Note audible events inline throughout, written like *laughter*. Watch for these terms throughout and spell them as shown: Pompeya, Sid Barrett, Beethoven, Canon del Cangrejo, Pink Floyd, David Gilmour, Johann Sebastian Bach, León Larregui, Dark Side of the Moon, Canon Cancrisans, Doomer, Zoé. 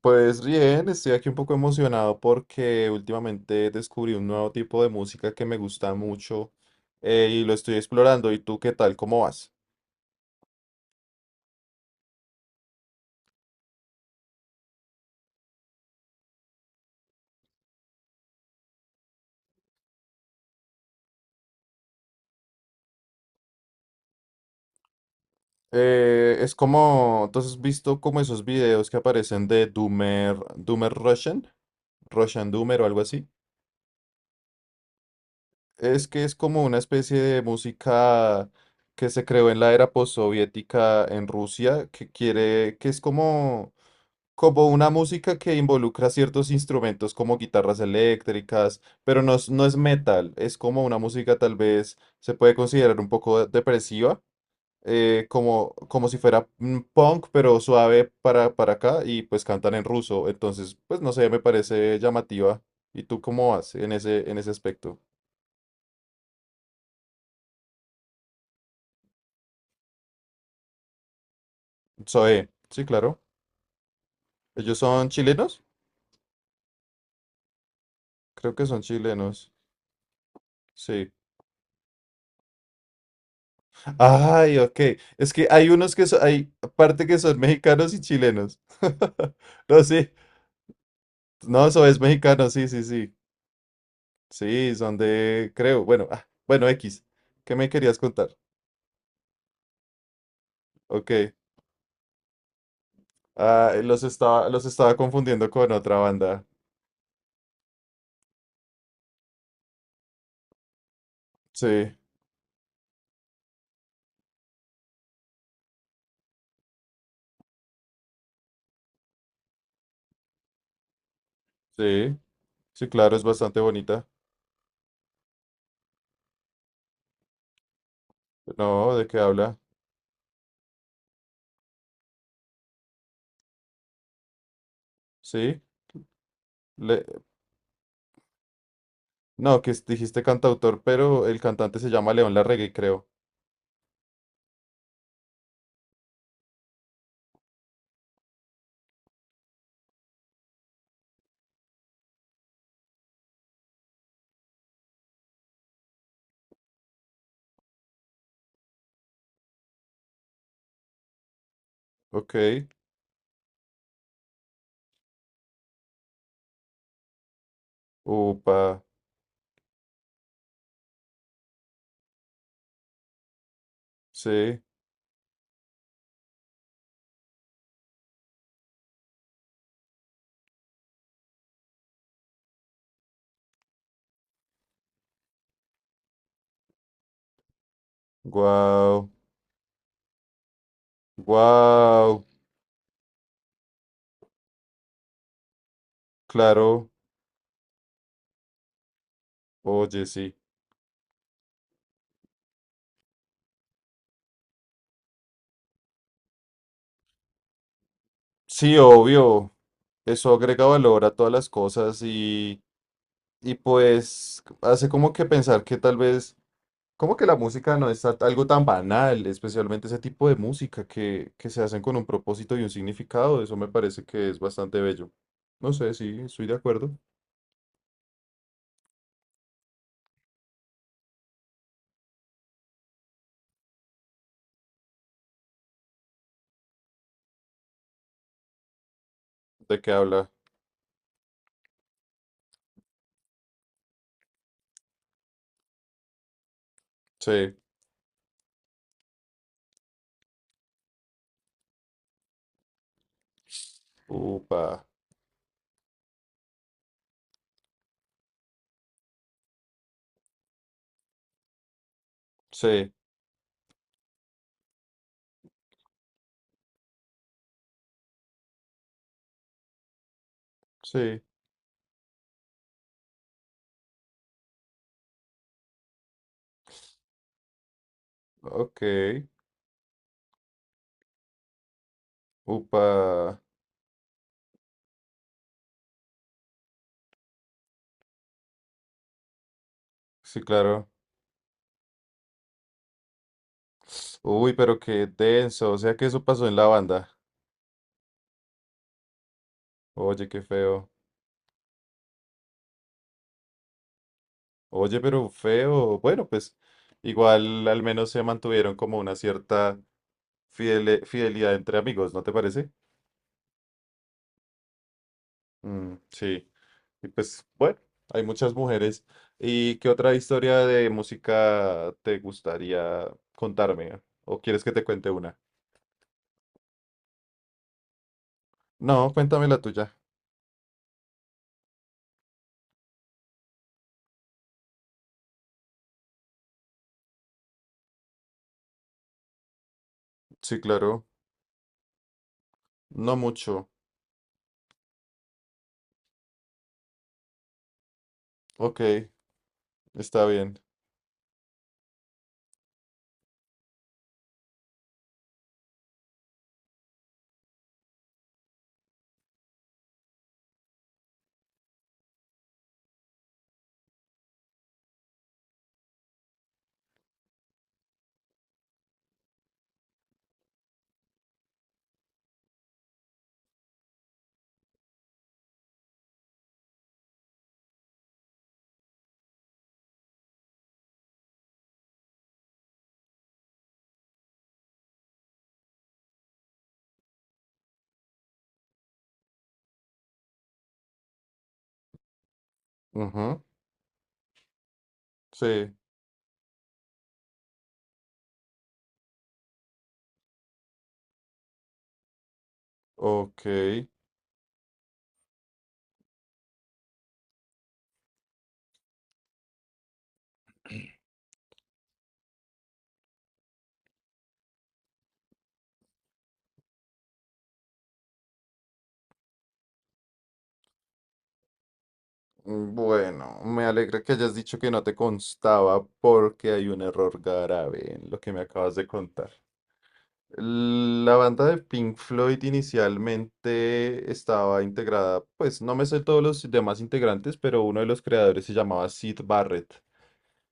Pues bien, estoy aquí un poco emocionado porque últimamente descubrí un nuevo tipo de música que me gusta mucho y lo estoy explorando. ¿Y tú qué tal? ¿Cómo vas? Es como, entonces, ¿has visto como esos videos que aparecen de Doomer, Doomer Russian? Russian Doomer o algo así. Es que es como una especie de música que se creó en la era postsoviética en Rusia, que quiere, que es como una música que involucra ciertos instrumentos como guitarras eléctricas, pero no es, no es metal, es como una música tal vez se puede considerar un poco depresiva, como, como si fuera punk, pero suave para acá y pues cantan en ruso, entonces pues no sé, me parece llamativa. ¿Y tú cómo vas en ese aspecto? Zoé, sí, claro. ¿Ellos son chilenos? Creo que son chilenos, sí. Ay, ok. Es que hay unos que son, hay parte que son mexicanos y chilenos. *laughs* No, sí. No, eso es mexicano, sí, sí, sí. Sí, son de, creo, bueno, ah, bueno, X. ¿Qué me querías contar? Ok. Ah, los estaba confundiendo con otra banda. Sí, sí, sí, claro, es bastante bonita. No, ¿de qué habla? Sí. le- no, que dijiste cantautor, pero el cantante se llama León Larregui, creo. Ok, upa, sí, guau, guau, claro, oye, sí. Sí, obvio, eso agrega valor a todas las cosas, y pues hace como que pensar que tal vez como que la música no es algo tan banal, especialmente ese tipo de música que se hacen con un propósito y un significado. Eso me parece que es bastante bello. No sé, sí, estoy de acuerdo. ¿De qué habla? Sí, upa, sí, sí, ok, upa, sí, claro. Uy, pero qué denso, o sea que eso pasó en la banda. Oye, qué feo. Oye, pero feo. Bueno, pues igual al menos se mantuvieron como una cierta fidelidad entre amigos, ¿no te parece? Mm, sí, y pues bueno, hay muchas mujeres. ¿Y qué otra historia de música te gustaría contarme? ¿O quieres que te cuente una? No, cuéntame la tuya. Sí, claro. No mucho. Ok, está bien. Ujú, sí, ok. Bueno, me alegra que hayas dicho que no te constaba, porque hay un error grave en lo que me acabas de contar. La banda de Pink Floyd inicialmente estaba integrada, pues no me sé todos los demás integrantes, pero uno de los creadores se llamaba Sid Barrett.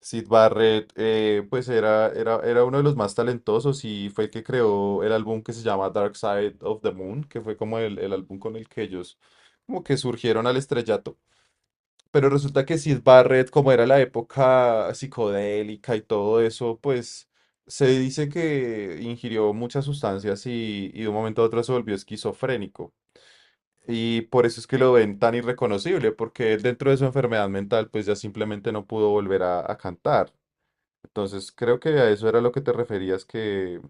Sid Barrett, pues era uno de los más talentosos y fue el que creó el álbum que se llama Dark Side of the Moon, que fue como el álbum con el que ellos como que surgieron al estrellato. Pero resulta que Sid Barrett, como era la época psicodélica y todo eso, pues se dice que ingirió muchas sustancias y de un momento a otro se volvió esquizofrénico. Y por eso es que lo ven tan irreconocible, porque él, dentro de su enfermedad mental, pues ya simplemente no pudo volver a cantar. Entonces creo que a eso era lo que te referías, que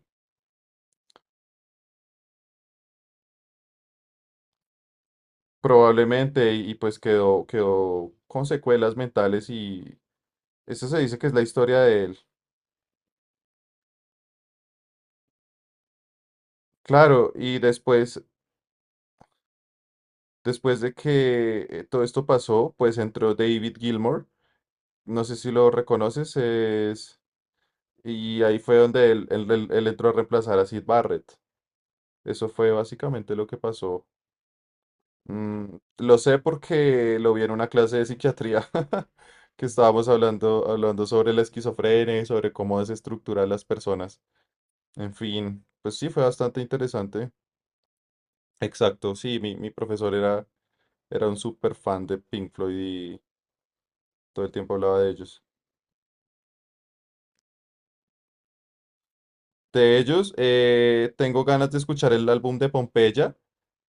probablemente y pues quedó con secuelas mentales y eso se dice que es la historia de él. Claro, y después después de que todo esto pasó, pues entró David Gilmour, no sé si lo reconoces, y ahí fue donde él entró a reemplazar a Sid Barrett. Eso fue básicamente lo que pasó. Mm, lo sé porque lo vi en una clase de psiquiatría *laughs* que estábamos hablando sobre la esquizofrenia y sobre cómo desestructurar las personas. En fin, pues sí, fue bastante interesante. Exacto, sí, mi profesor era, era un súper fan de Pink Floyd y todo el tiempo hablaba de ellos. De ellos, tengo ganas de escuchar el álbum de Pompeya,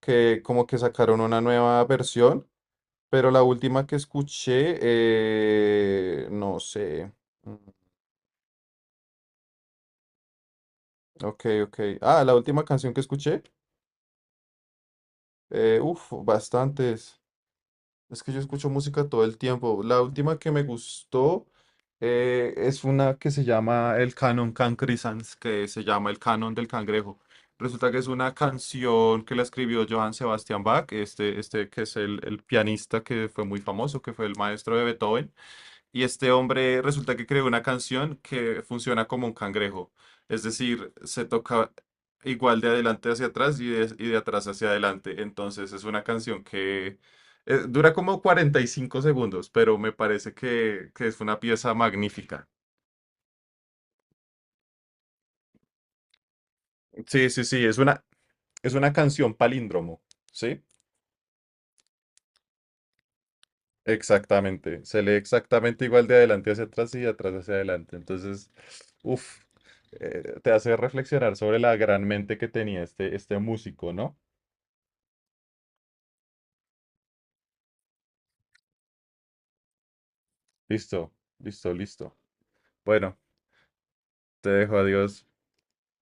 que como que sacaron una nueva versión, pero la última que escuché, no sé. Mm, ok, ok. Ah, la última canción que escuché, uf, bastantes. Es que yo escucho música todo el tiempo. La última que me gustó es una que se llama el Canon Cancrisans, que se llama el Canon del Cangrejo. Resulta que es una canción que la escribió Johann Sebastian Bach, este que es el pianista que fue muy famoso, que fue el maestro de Beethoven. Y este hombre resulta que creó una canción que funciona como un cangrejo. Es decir, se toca igual de adelante hacia atrás, y de atrás hacia adelante. Entonces es una canción que dura como 45 segundos, pero me parece que es una pieza magnífica. Sí, sí, sí, es una canción palíndromo, ¿sí? Exactamente, se lee exactamente igual de adelante hacia atrás y de atrás hacia adelante. Entonces, uff, te hace reflexionar sobre la gran mente que tenía este, este músico, ¿no? Listo, listo, listo. Bueno, te dejo, adiós.